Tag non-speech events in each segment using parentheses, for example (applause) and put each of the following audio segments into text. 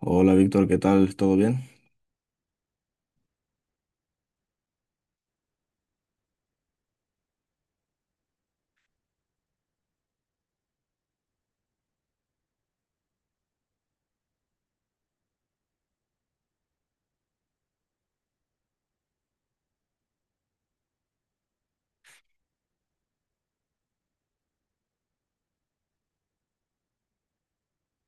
Hola Víctor, ¿qué tal? ¿Todo bien?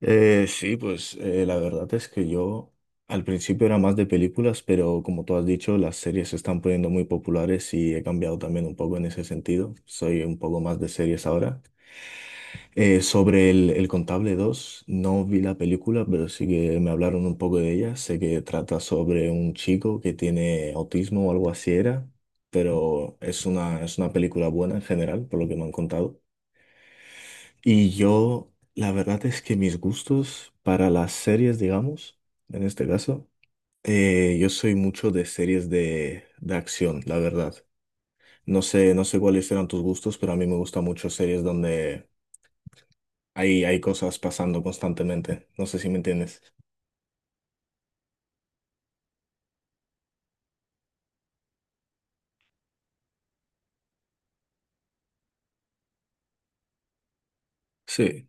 Sí, la verdad es que yo al principio era más de películas, pero como tú has dicho, las series se están poniendo muy populares y he cambiado también un poco en ese sentido. Soy un poco más de series ahora. Sobre el Contable 2 no vi la película, pero sí que me hablaron un poco de ella. Sé que trata sobre un chico que tiene autismo o algo así era, pero es una película buena en general, por lo que me han contado. Y yo, la verdad es que mis gustos para las series, digamos, en este caso, yo soy mucho de series de acción, la verdad. No sé cuáles eran tus gustos, pero a mí me gustan mucho series donde hay cosas pasando constantemente. No sé si me entiendes. Sí.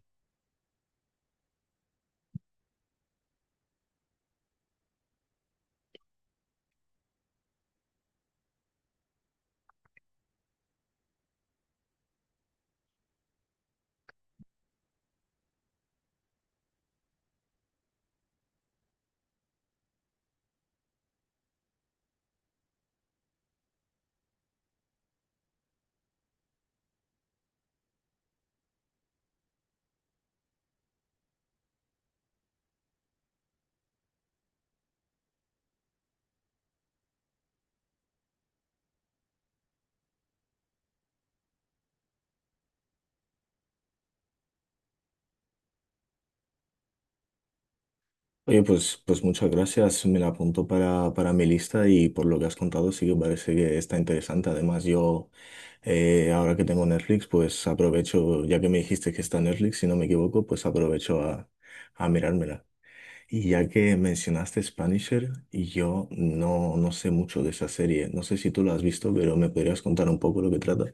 Oye, pues muchas gracias. Me la apunto para mi lista y por lo que has contado sí que parece que está interesante. Además, yo... Ahora que tengo Netflix, pues aprovecho, ya que me dijiste que está Netflix, si no me equivoco, pues aprovecho a mirármela. Y ya que mencionaste Spanisher, y yo no sé mucho de esa serie. No sé si tú la has visto, pero me podrías contar un poco lo que trata.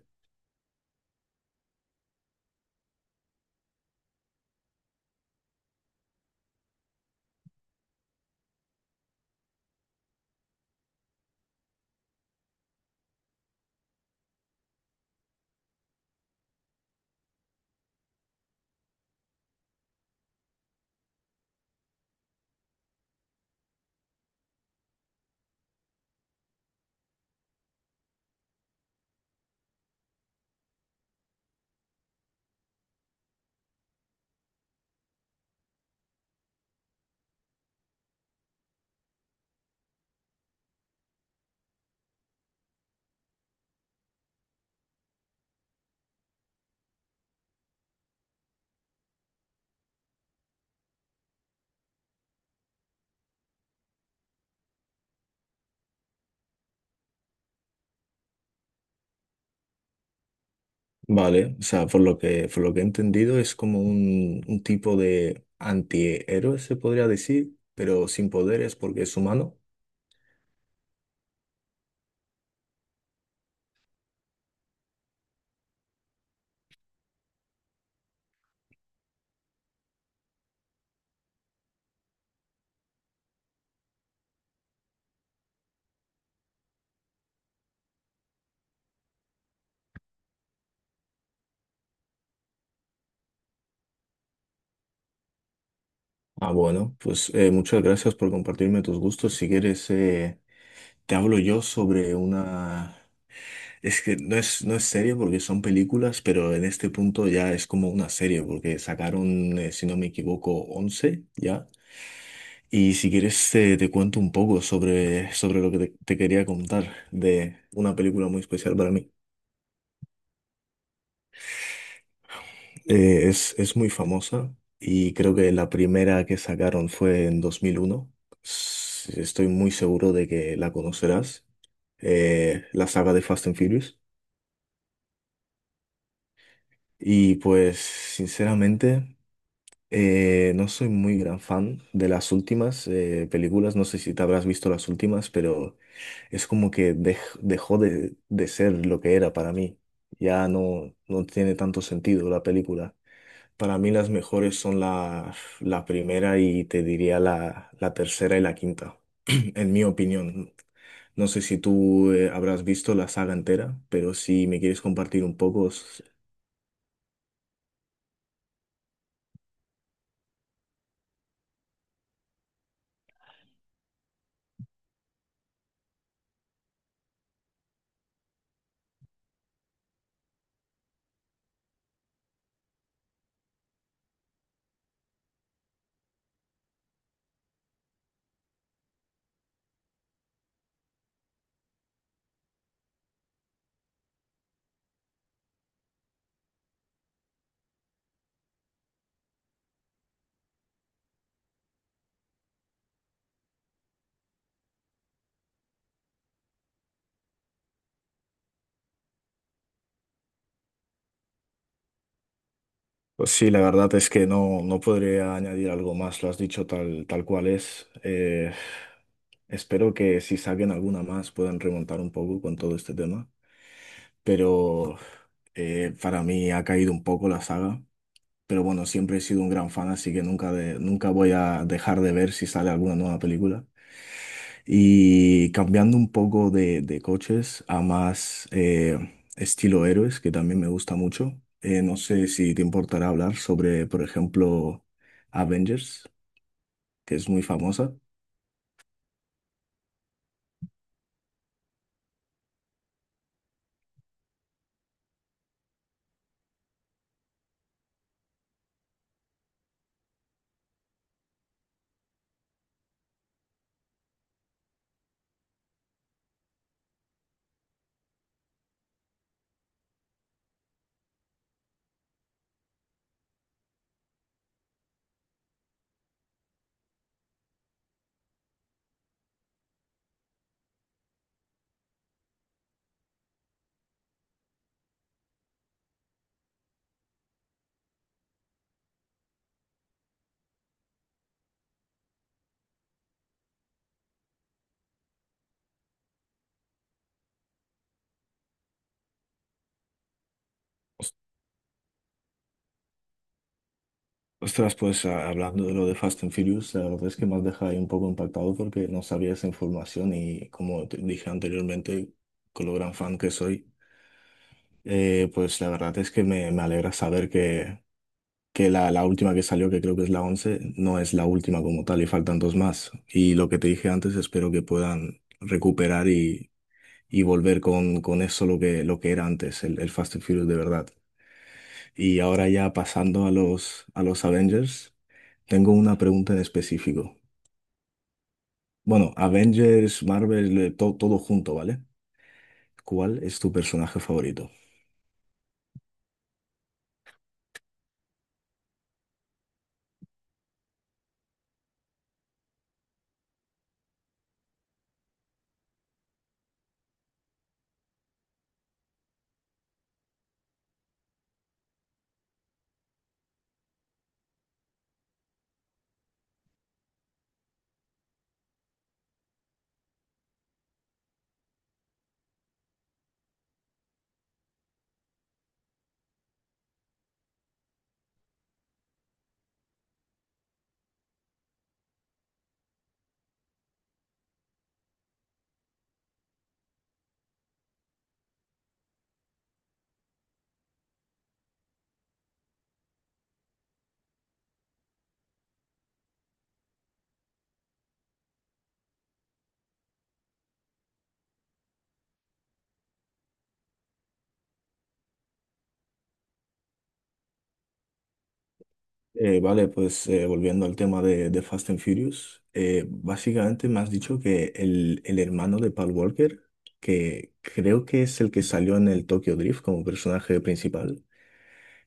Vale, o sea, por por lo que he entendido, es como un tipo de antihéroe, se podría decir, pero sin poderes porque es humano. Ah, bueno, pues muchas gracias por compartirme tus gustos. Si quieres, te hablo yo sobre una... Es que no es serie porque son películas, pero en este punto ya es como una serie porque sacaron, si no me equivoco, 11 ya. Y si quieres cuento un poco sobre, sobre lo que te quería contar de una película muy especial para mí. Es muy famosa y creo que la primera que sacaron fue en 2001. Estoy muy seguro de que la conocerás. La saga de Fast and Furious. Y pues, sinceramente, no soy muy gran fan de las últimas películas. No sé si te habrás visto las últimas, pero es como que dejó de ser lo que era para mí. Ya no tiene tanto sentido la película. Para mí las mejores son la primera y te diría la tercera y la quinta, (clears throat) en mi opinión. No sé si tú habrás visto la saga entera, pero si me quieres compartir un poco, pues sí, la verdad es que no podría añadir algo más, lo has dicho tal cual es. Espero que si saquen alguna más puedan remontar un poco con todo este tema, pero para mí ha caído un poco la saga, pero bueno, siempre he sido un gran fan, así que nunca, nunca voy a dejar de ver si sale alguna nueva película. Y cambiando un poco de coches a más estilo héroes, que también me gusta mucho. No sé si te importará hablar sobre, por ejemplo, Avengers, que es muy famosa. Os- Ostras, pues hablando de lo de Fast and Furious, la verdad es que me has dejado ahí un poco impactado porque no sabía esa información y como te dije anteriormente, con lo gran fan que soy, pues la verdad es que me alegra saber que la última que salió, que creo que es la 11 no es la última como tal y faltan dos más. Y lo que te dije antes, espero que puedan recuperar y volver con eso lo que era antes, el Fast and Furious de verdad. Y ahora ya pasando a a los Avengers, tengo una pregunta en específico. Bueno, Avengers, Marvel, todo junto, ¿vale? ¿Cuál es tu personaje favorito? Vale, pues volviendo al tema de Fast and Furious, básicamente me has dicho que el hermano de Paul Walker, que creo que es el que salió en el Tokyo Drift como personaje principal,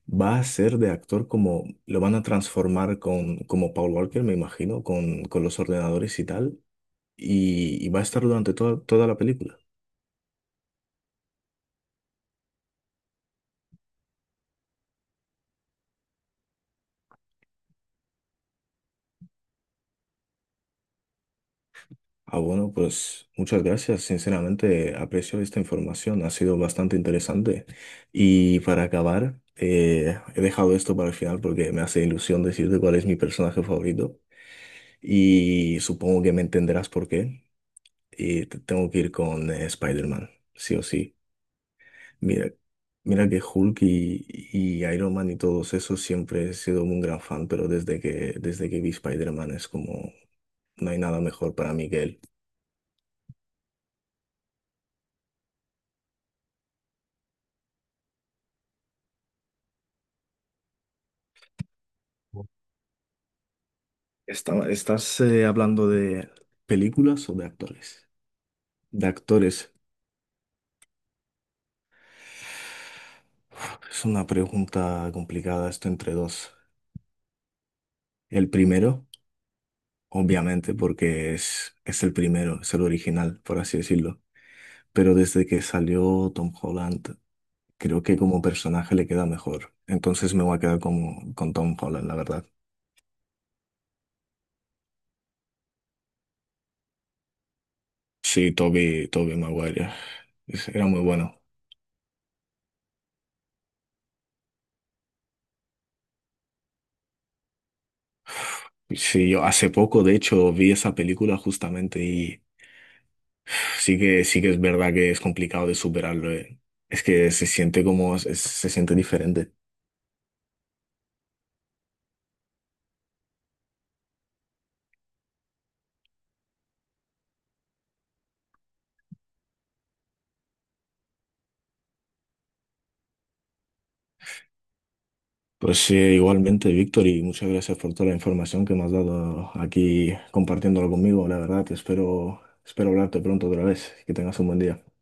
va a ser de actor como, lo van a transformar con, como Paul Walker, me imagino, con los ordenadores y tal, y va a estar durante toda la película. Ah, bueno, pues muchas gracias. Sinceramente, aprecio esta información. Ha sido bastante interesante. Y para acabar, he dejado esto para el final porque me hace ilusión decirte cuál es mi personaje favorito. Y supongo que me entenderás por qué. Y tengo que ir con Spider-Man, sí o sí. Mira, mira que Hulk y Iron Man y todos esos siempre he sido un gran fan, pero desde desde que vi Spider-Man es como no hay nada mejor para mí que él. ¿Estás hablando de películas o de actores? De actores. Es una pregunta complicada esto entre dos. El primero, obviamente, porque es el primero, es el original, por así decirlo. Pero desde que salió Tom Holland, creo que como personaje le queda mejor. Entonces me voy a quedar como, con Tom Holland, la verdad. Sí, Toby Maguire. Era muy bueno. Sí, yo hace poco, de hecho, vi esa película justamente. Sí que es verdad que es complicado de superarlo, eh. Es que se siente como, se siente diferente. Pues igualmente, Víctor, y muchas gracias por toda la información que me has dado aquí compartiéndolo conmigo. La verdad, espero, espero hablarte pronto otra vez. Que tengas un buen día.